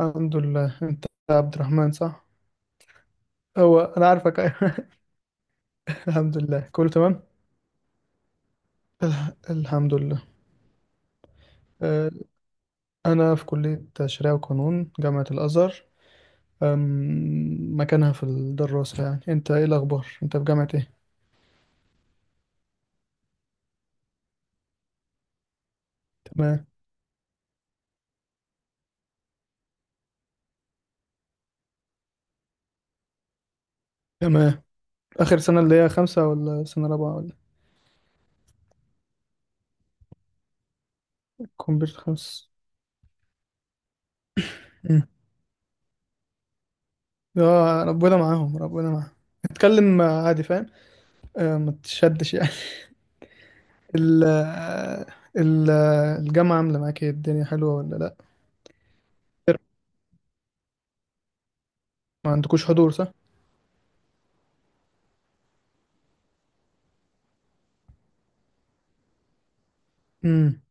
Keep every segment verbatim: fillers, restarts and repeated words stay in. الحمد لله، انت. عبد الرحمن، صح؟ هو انا عارفك، ايوه. الحمد لله كله تمام. الح- الحمد لله. آه، انا في كلية شريعة وقانون جامعة الازهر. أم، مكانها في الدراسة. يعني انت ايه الاخبار، انت في جامعة ايه؟ تمام، تمام. اخر سنة، اللي هي خمسة ولا سنة رابعة ولا؟ كمبيوتر خمس. مم. اه، ربنا معاهم ربنا معاهم. اتكلم عادي، فاهم. آه، ما تشدش يعني. ال ال- الجامعة عاملة معاك ايه، الدنيا حلوة ولا لا؟ ما عندكوش حضور، صح؟ امم،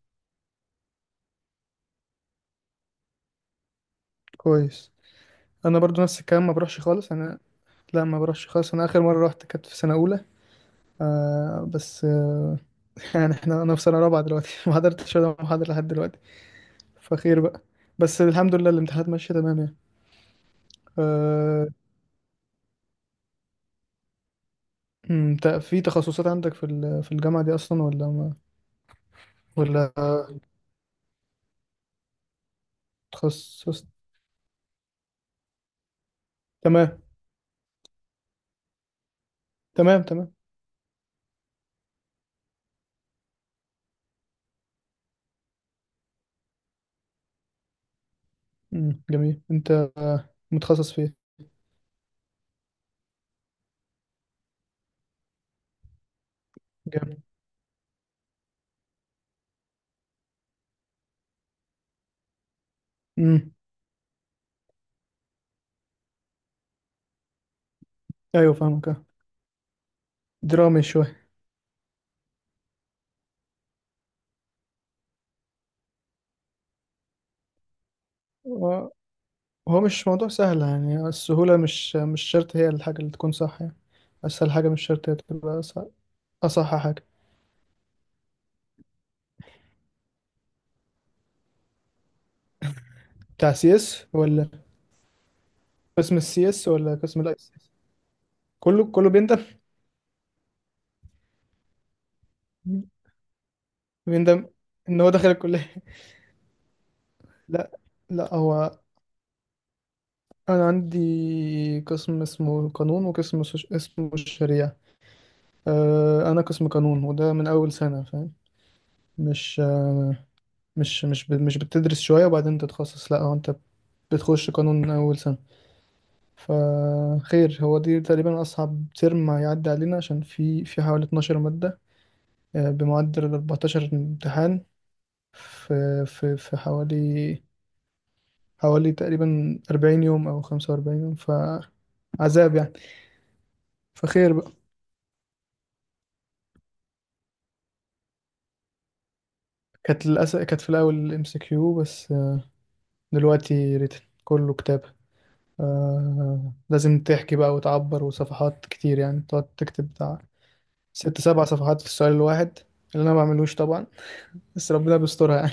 كويس. انا برضو نفس الكلام، ما بروحش خالص انا. لا، ما بروحش خالص انا، اخر مره رحت كانت في سنه اولى. آه، بس آه. يعني احنا، انا في سنه رابعه دلوقتي، ما حضرتش ولا محاضره لحد دلوقتي. فخير بقى. بس الحمد لله الامتحانات ماشيه تمام يعني. آه. أمم، تا- في تخصصات عندك في ال- في الجامعه دي اصلا ولا ما؟ ولا تخصص. تمام، تمام، تمام. امم، جميل. انت متخصص في ايه؟ جامد. امم، ايوه فاهمك، آه. درامي. شويه. هو مش موضوع سهل يعني، السهولة مش مش شرط هي الحاجة اللي تكون صح يعني. أسهل حاجة مش شرط هي تبقى أصح. أصح حاجة. بتاع سي اس ولا؟ قسم السي اس ولا قسم الاي سي اس؟ كله كله بيندم. بيندم إن هو دخل الكلية. لا، لا، هو أنا عندي قسم اسمه قانون وقسم سش- اسمه الشريعة. أه، أنا قسم قانون، وده من أول سنة فاهم. مش أه، مش مش ب- مش بتدرس شوية وبعدين تتخصص، لا، هو أنت بتخش قانون من أول سنة. فخير، هو دي تقريبا أصعب ترم هيعدي علينا، عشان في في حوالي اتناشر مادة، آه، بمعدل ال اربعتاشر امتحان. في في في حوالي حوالي تقريبا اربعين يوم أو خمسة واربعين يوم، فعذاب يعني. فخير بقى. كانت للأسف كانت في الأول ام سي كيو، بس آه، دلوقتي ريتن، كله كتابة. آه، لازم تحكي بقى وتعبر، وصفحات كتير يعني، تقعد تكتب بتاع ست سبع صفحات في السؤال الواحد، اللي أنا ما بعملوش طبعا، بس ربنا بيسترها يعني.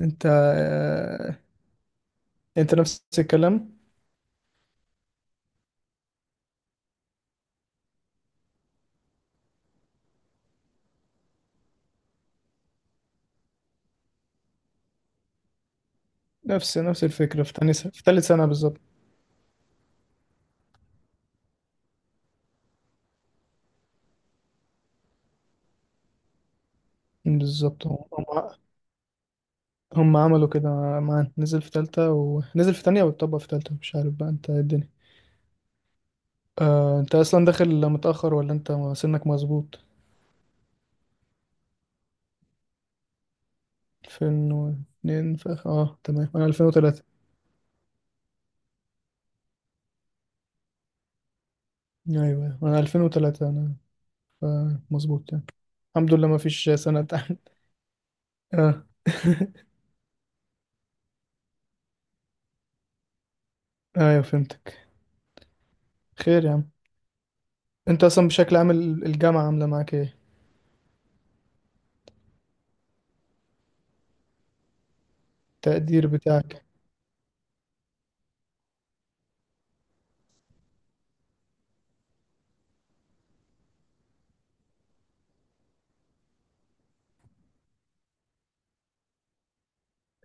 انت آه، انت نفس الكلام. نفس نفس الفكرة في تاني سنة في تالت سنة بالظبط. بالظبط. هم هم عملوا كده معانا، نزل في تالتة ونزل في تانية واتطبق في تالتة. مش عارف بقى انت ايه الدنيا. آه، انت اصلا داخل متأخر ولا انت سنك مظبوط؟ ألفين واتنين ف... اه تمام، انا ألفين وتلاتة. ايوه، انا ألفين وتلاتة انا، ف- مظبوط يعني. الحمد لله ما فيش سنة تحت. اه. ايوه فهمتك. خير يا عم. انت اصلا بشكل عام ال- الجامعة عاملة معاك ايه، التقدير بتاعك؟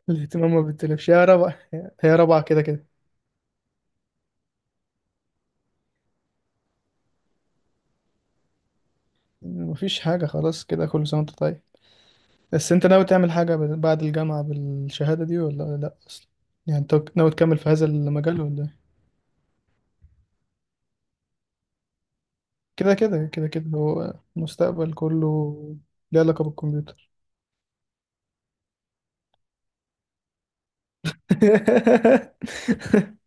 الاهتمام ما بتلفش يا ربع. هي ربع كده كده. مفيش حاجة خلاص، كده كل سنة وانت طيب. بس انت ناوي تعمل حاجة ب- بعد الجامعة بالشهادة دي ولا لا اصلا؟ يعني انت ناوي تكمل في هذا المجال ولا ايه؟ كده كده كده كده، هو المستقبل كله. ليه علاقة بالكمبيوتر.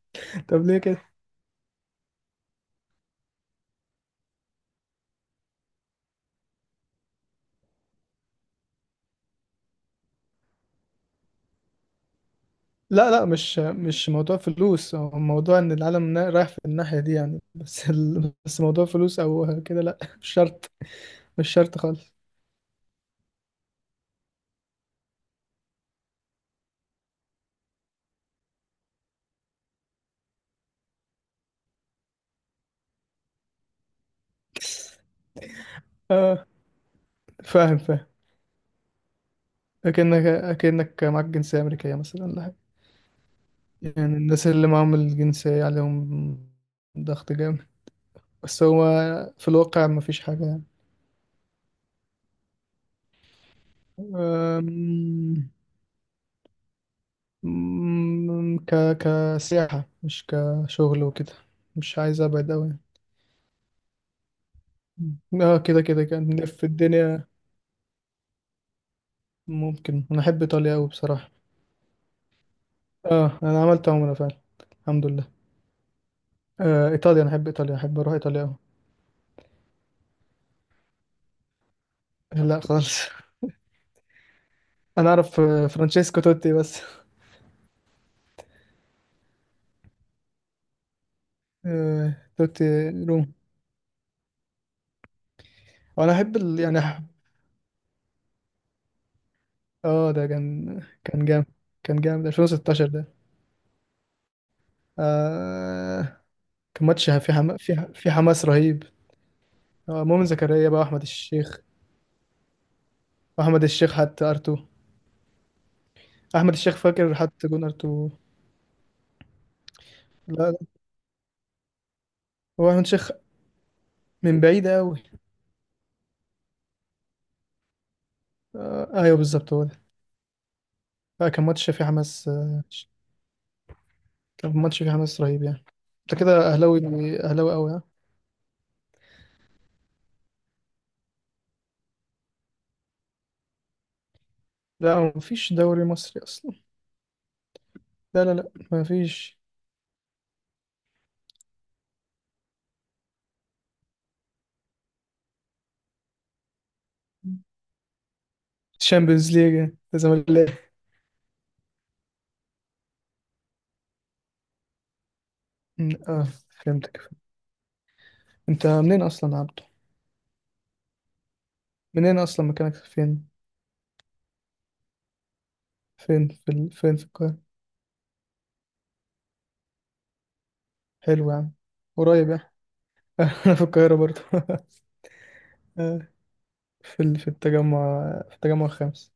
طب ليه كده؟ لا، لا، مش مش موضوع فلوس، هو موضوع ان العالم نا- رايح في الناحية دي يعني، بس ال... بس موضوع فلوس او كده، لا مش شرط. مش شرط خالص. فاهم، فاهم. أكنك أكنك معاك جنسية أمريكية مثلا ولا حاجة. يعني الناس اللي معاهم الجنسية عليهم ضغط جامد. بس هو في الواقع مفيش حاجة يعني. أم، أم، ك كسياحة، مش كشغل وكده. مش عايز أبعد أوي يعني. اه كده كده، كان نلف في الدنيا. ممكن، أنا أحب إيطاليا أوي بصراحة. اه أنا عملت عمرة فعلا، الحمد لله. آه إيطاليا، أنا أحب إيطاليا، أحب أروح إيطاليا أوي. لا خالص. أنا أعرف آه، فرانشيسكو توتي بس. آه، دوت روم. وانا احب ال... يعني أح- اه ده كان كان جامد. كان جامد الفين وستاشر ده. آه. كان ماتش في حما... في ح... في حماس رهيب. آه، مؤمن زكريا، بقى احمد الشيخ. احمد الشيخ حط ارتو. احمد الشيخ، فاكر، حط جون ارتو. لا، لا، هو احمد الشيخ، من بعيد قوي. آه، ايوه بالظبط، هو ده. آه، كان ماتش في حماس، آه، كان ماتش في حماس رهيب يعني. انت كده اهلاوي؟ اهلاوي قوي، ها؟ لا، مفيش دوري مصري اصلا. لا، لا، لا، مفيش. الشامبيونز ليج إيه؟ لازم الاقي. أمم، اه، فهمتك. انت منين اصلا يا عبده؟ منين اصلا، مكانك فين؟ فين في ال... فين في القاهره؟ حلو يعني، قريب يعني. انا في القاهره برضه. آه، في ال... في التجمع في التجمع الخامس.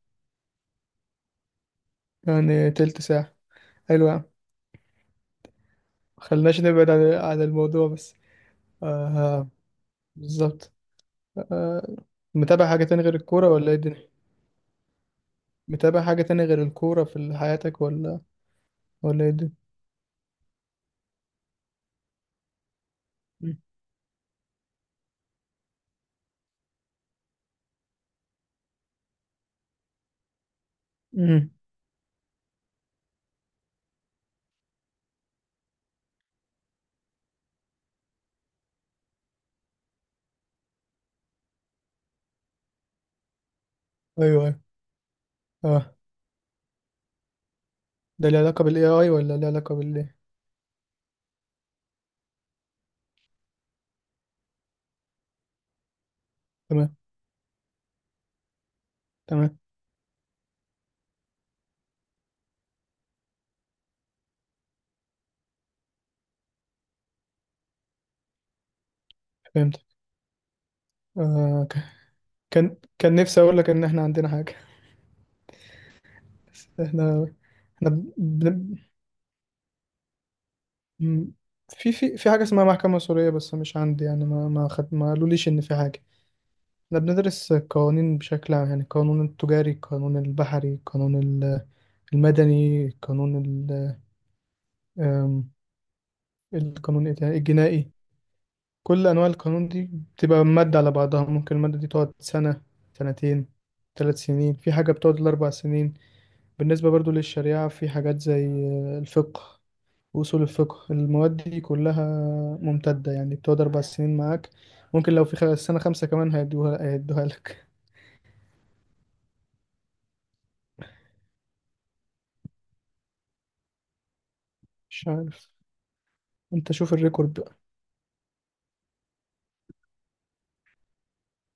يعني تلت ساعه، حلو يعني. خلناش نبعد عن عن الموضوع بس. آه، بالظبط. آه. متابع حاجه تاني غير الكوره ولا ايه الدنيا؟ متابع حاجه تاني غير الكوره في حياتك ولا ولا ايه الدنيا؟ أمم. أمم. ايوه، أيوة. اه، ده ليه علاقة بال ايه آي ولا ليه علاقة بال إيه؟ تمام، تمام، فهمتك. آه ك- كان كان نفسي أقول لك إن إحنا عندنا حاجة. بس إحنا، إحنا بن... بن- م- في في في حاجة اسمها محكمة سورية بس مش عندي يعني، ما ما خد... ما قالوليش إن في حاجة. إحنا بندرس القوانين بشكل عام يعني، القانون التجاري، القانون البحري، القانون ال- المدني، القانون ال... آم، القانون إيه تاني؟ الجنائي. كل انواع القانون دي بتبقى مادة على بعضها، ممكن المادة دي تقعد سنة، سنتين، ثلاث سنين، في حاجة بتقعد الأربع سنين. بالنسبة برضو للشريعة، في حاجات زي الفقه وأصول الفقه، المواد دي كلها ممتدة يعني، بتقعد أربع سنين معاك. ممكن لو في خ- سنة خمسة كمان، هيدوها هيدوها لك. مش عارف، أنت شوف الريكورد.